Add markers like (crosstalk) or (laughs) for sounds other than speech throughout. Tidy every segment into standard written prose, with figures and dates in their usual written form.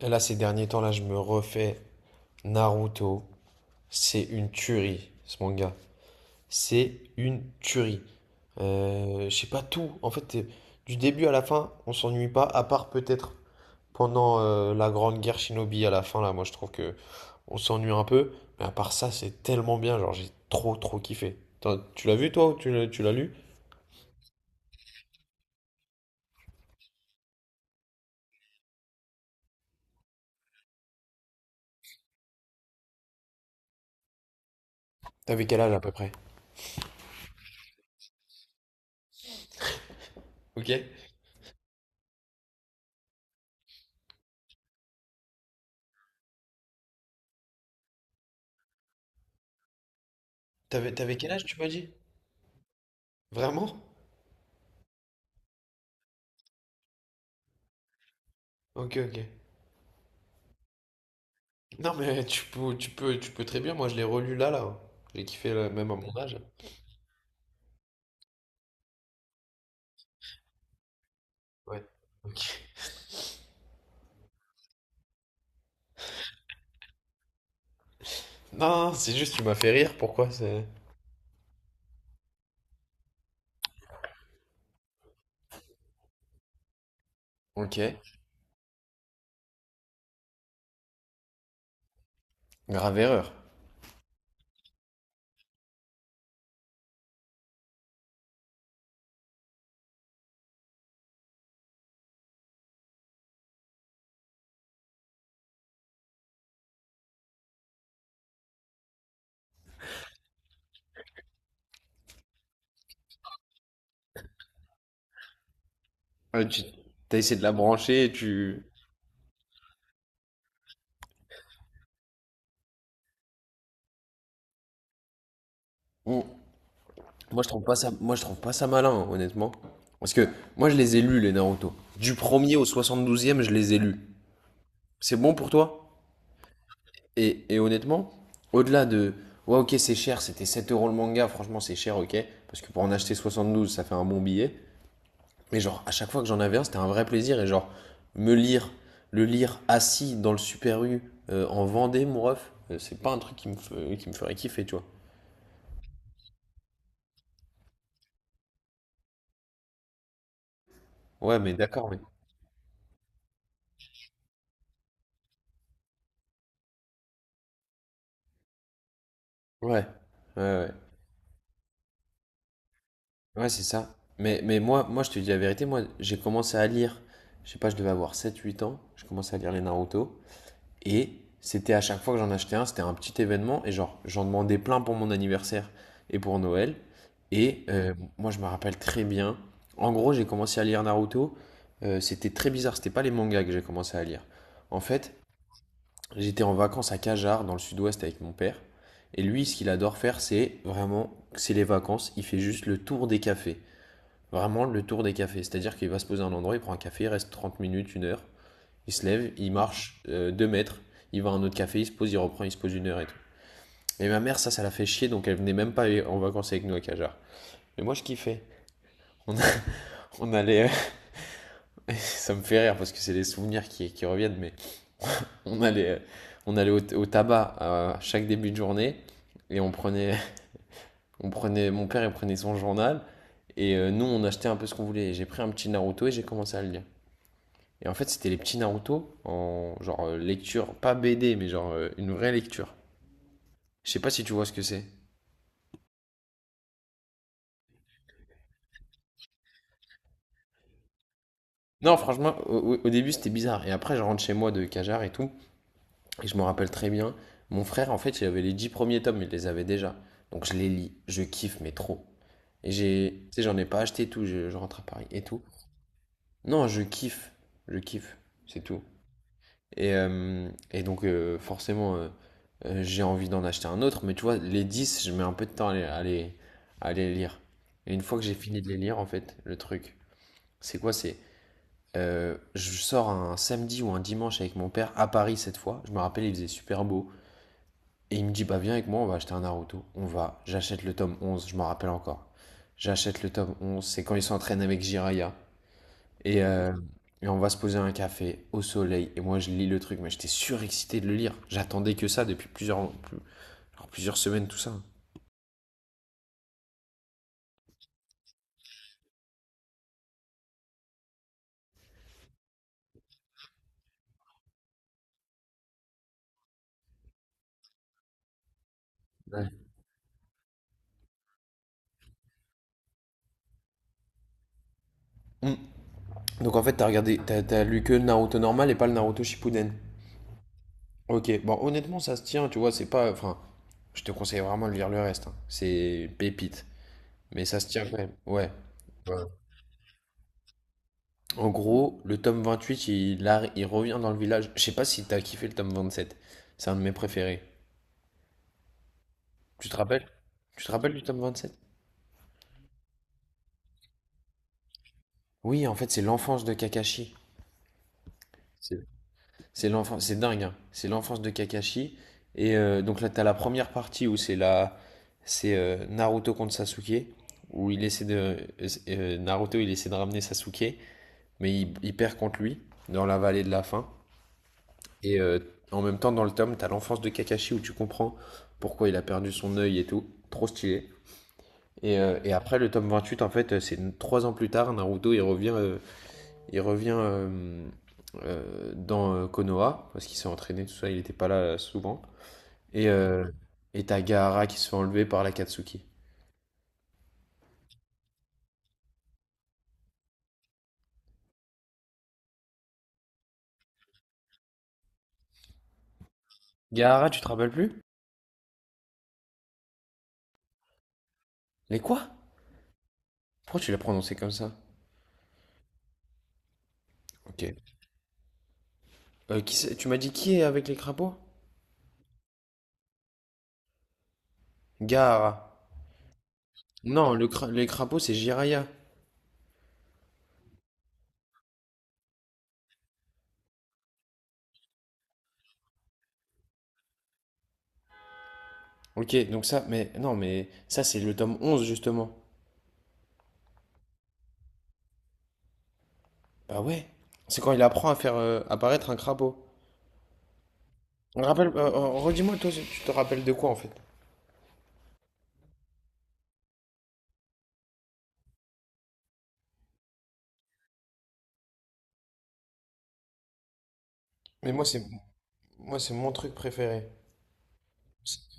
Là, ces derniers temps-là, je me refais Naruto. C'est une tuerie, ce manga. C'est une tuerie. Je sais pas tout. En fait, du début à la fin, on s'ennuie pas, à part peut-être pendant la Grande Guerre Shinobi à la fin, là, moi je trouve que on s'ennuie un peu. Mais à part ça, c'est tellement bien. Genre, j'ai trop, trop kiffé. Tu l'as vu toi ou tu l'as lu? T'avais quel âge à peu près? Ok. T'avais quel âge, tu m'as dit? Vraiment? Ok, ok. Non, mais tu peux très bien. Moi, je l'ai relu là, là. J'ai kiffé là, même à mon âge. Ouais. Ok. Non, non, c'est juste, tu m'as fait rire. Pourquoi c'est. Ok, grave erreur. Tu t'as essayé de la brancher et tu... Ouh. Moi je trouve pas ça, moi je trouve pas ça malin, hein, honnêtement. Parce que moi je les ai lus les Naruto. Du premier au 72e, je les ai lus. C'est bon pour toi? Et honnêtement, au-delà de. Ouais, ok, c'est cher, c'était 7 euros le manga, franchement c'est cher, ok. Parce que pour en acheter 72, ça fait un bon billet. Mais genre, à chaque fois que j'en avais un, c'était un vrai plaisir. Et genre, me lire, le lire assis dans le Super U, en Vendée, mon ref, c'est pas un truc qui me ferait kiffer, tu vois. Ouais, mais d'accord, mais. Ouais, ouais, ouais. Ouais, c'est ça. Mais moi, je te dis la vérité, moi, j'ai commencé à lire, je sais pas, je devais avoir sept huit ans, je commençais à lire les Naruto. Et c'était à chaque fois que j'en achetais un, c'était un petit événement. Et genre, j'en demandais plein pour mon anniversaire et pour Noël. Et moi, je me rappelle très bien. En gros, j'ai commencé à lire Naruto. C'était très bizarre. C'était pas les mangas que j'ai commencé à lire. En fait, j'étais en vacances à Cajar, dans le sud-ouest, avec mon père. Et lui, ce qu'il adore faire, c'est vraiment, c'est les vacances. Il fait juste le tour des cafés. Vraiment le tour des cafés. C'est-à-dire qu'il va se poser à un endroit, il prend un café, il reste 30 minutes, une heure. Il se lève, il marche 2 deux mètres, il va à un autre café, il se pose, il reprend, il se pose une heure et tout. Et ma mère, ça la fait chier, donc elle venait même pas en vacances avec nous à Cajar. Mais moi, je kiffais. On, a- (laughs) on allait, (laughs) ça me fait rire parce que c'est les souvenirs qui reviennent, mais on allait, euh, on allait au tabac à chaque début de journée et on prenait, (laughs) on prenait, mon père, il prenait son journal et nous, on achetait un peu ce qu'on voulait. J'ai pris un petit Naruto et j'ai commencé à le lire. Et en fait, c'était les petits Naruto en genre lecture, pas BD, mais genre une vraie lecture. Je sais pas si tu vois ce que c'est. Non, franchement, début c'était bizarre. Et après, je rentre chez moi de Cajar et tout. Et je me rappelle très bien, mon frère, en fait, il avait les 10 premiers tomes, il les avait déjà. Donc je les lis, je kiffe, mais trop. Et j'ai. Tu sais, j'en ai pas acheté et tout, je rentre à Paris et tout. Non, je kiffe, c'est tout. Et donc, forcément, j'ai envie d'en acheter un autre. Mais tu vois, les 10, je mets un peu de temps à les, lire. Et une fois que j'ai fini de les lire, en fait, le truc, c'est quoi? C'est. Je sors un samedi ou un dimanche avec mon père à Paris cette fois. Je me rappelle, il faisait super beau. Et il me dit, bah viens avec moi, on va acheter un Naruto. On va. J'achète le tome 11. Je m'en rappelle encore. J'achète le tome onze, c'est quand ils s'entraînent avec Jiraiya. Et, euh, et on va se poser à un café au soleil. Et moi, je lis le truc, mais j'étais surexcité de le lire. J'attendais que ça depuis genre plusieurs semaines, tout ça. Ouais. Mm. Donc en fait, t'as lu que le Naruto normal et pas le Naruto Shippuden. Ok, bon, honnêtement, ça se tient, tu vois, c'est pas. Enfin, je te conseille vraiment de lire le reste, hein. C'est une pépite. Mais ça se tient quand même. Ouais. En gros, le tome 28, il revient dans le village. Je sais pas si t'as kiffé le tome 27. C'est un de mes préférés. Tu te rappelles? Tu te rappelles du tome 27. Oui, en fait, c'est l'enfance de Kakashi. C'est c'est l'enfance, c'est dingue, hein. C'est l'enfance de Kakashi. Et donc là, t'as la première partie où c'est la, c'est Naruto contre Sasuke, où Naruto, il essaie de ramener Sasuke. Mais il perd contre lui dans la vallée de la faim. Et en même temps, dans le tome, t'as l'enfance de Kakashi où tu comprends pourquoi il a perdu son œil et tout. Trop stylé. Et après, le tome 28 en fait, c'est 3 ans plus tard, Naruto, il revient dans Konoha, parce qu'il s'est entraîné, tout ça, il n'était pas là souvent. Et euh, et t'as Gaara qui se fait enlever par la Katsuki. Gaara, tu te rappelles plus? Les quoi? Pourquoi tu l'as prononcé comme ça? Ok. Tu m'as dit qui est avec les crapauds? Gaara. Non, les crapauds, c'est Jiraya. Ok, donc ça, mais non, mais ça, c'est le tome 11 justement. Bah ouais, c'est quand il apprend à faire apparaître un crapaud. On rappelle, euh, euh, redis-moi, toi, tu te rappelles de quoi, en fait? Mais moi, c'est mon truc préféré. C'est-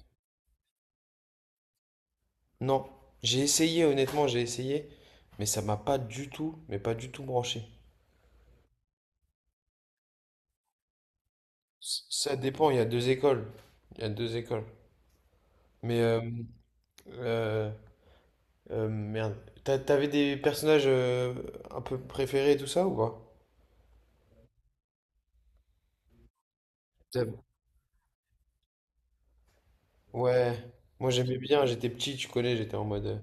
Non, j'ai essayé, honnêtement, j'ai essayé, mais ça m'a pas du tout, mais pas du tout branché. Ça dépend, il y a deux écoles. Il y a deux écoles. Mais, euh, euh, euh, merde, T'a- t'avais des personnages un peu préférés, et tout ça, ou pas? Ouais, moi j'aimais bien, j'étais petit, tu connais, j'étais en mode.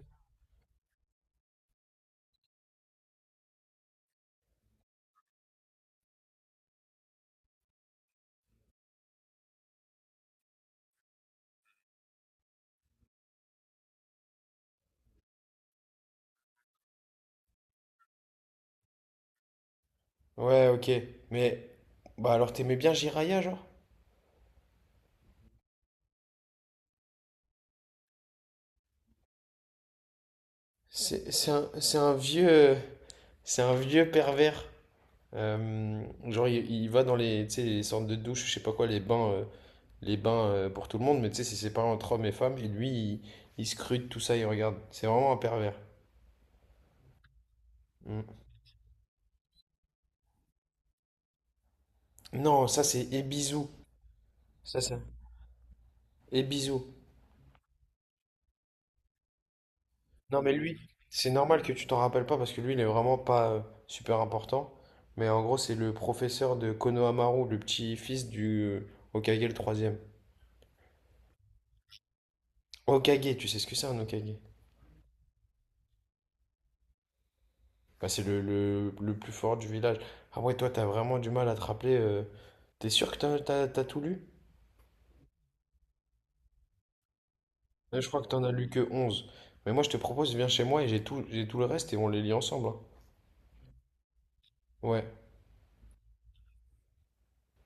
Ouais, ok, mais. Bah alors t'aimais bien Jiraya, genre? C'est un vieux. C'est un vieux pervers. Euh, genre, il va dans tu sais, les sortes de douches, je sais pas quoi, les bains pour tout le monde, mais tu sais, c'est séparé entre hommes et femmes, et lui, il scrute tout ça, il regarde. C'est vraiment un pervers. Mm. Non, ça c'est Ebizou. Ça. Ebizou. Non mais lui, c'est normal que tu t'en rappelles pas parce que lui il est vraiment pas super important. Mais en gros c'est le professeur de Konohamaru, Maru, le petit-fils du Hokage le troisième. Hokage, tu sais ce que c'est un Hokage? Bah, c'est le, plus fort du village. Ah ouais toi t'as vraiment du mal à te rappeler. T'es sûr que t'as tout lu? Là, je crois que t'en as lu que 11. Mais moi je te propose viens chez moi et j'ai tout le reste et on les lit ensemble, hein. Ouais.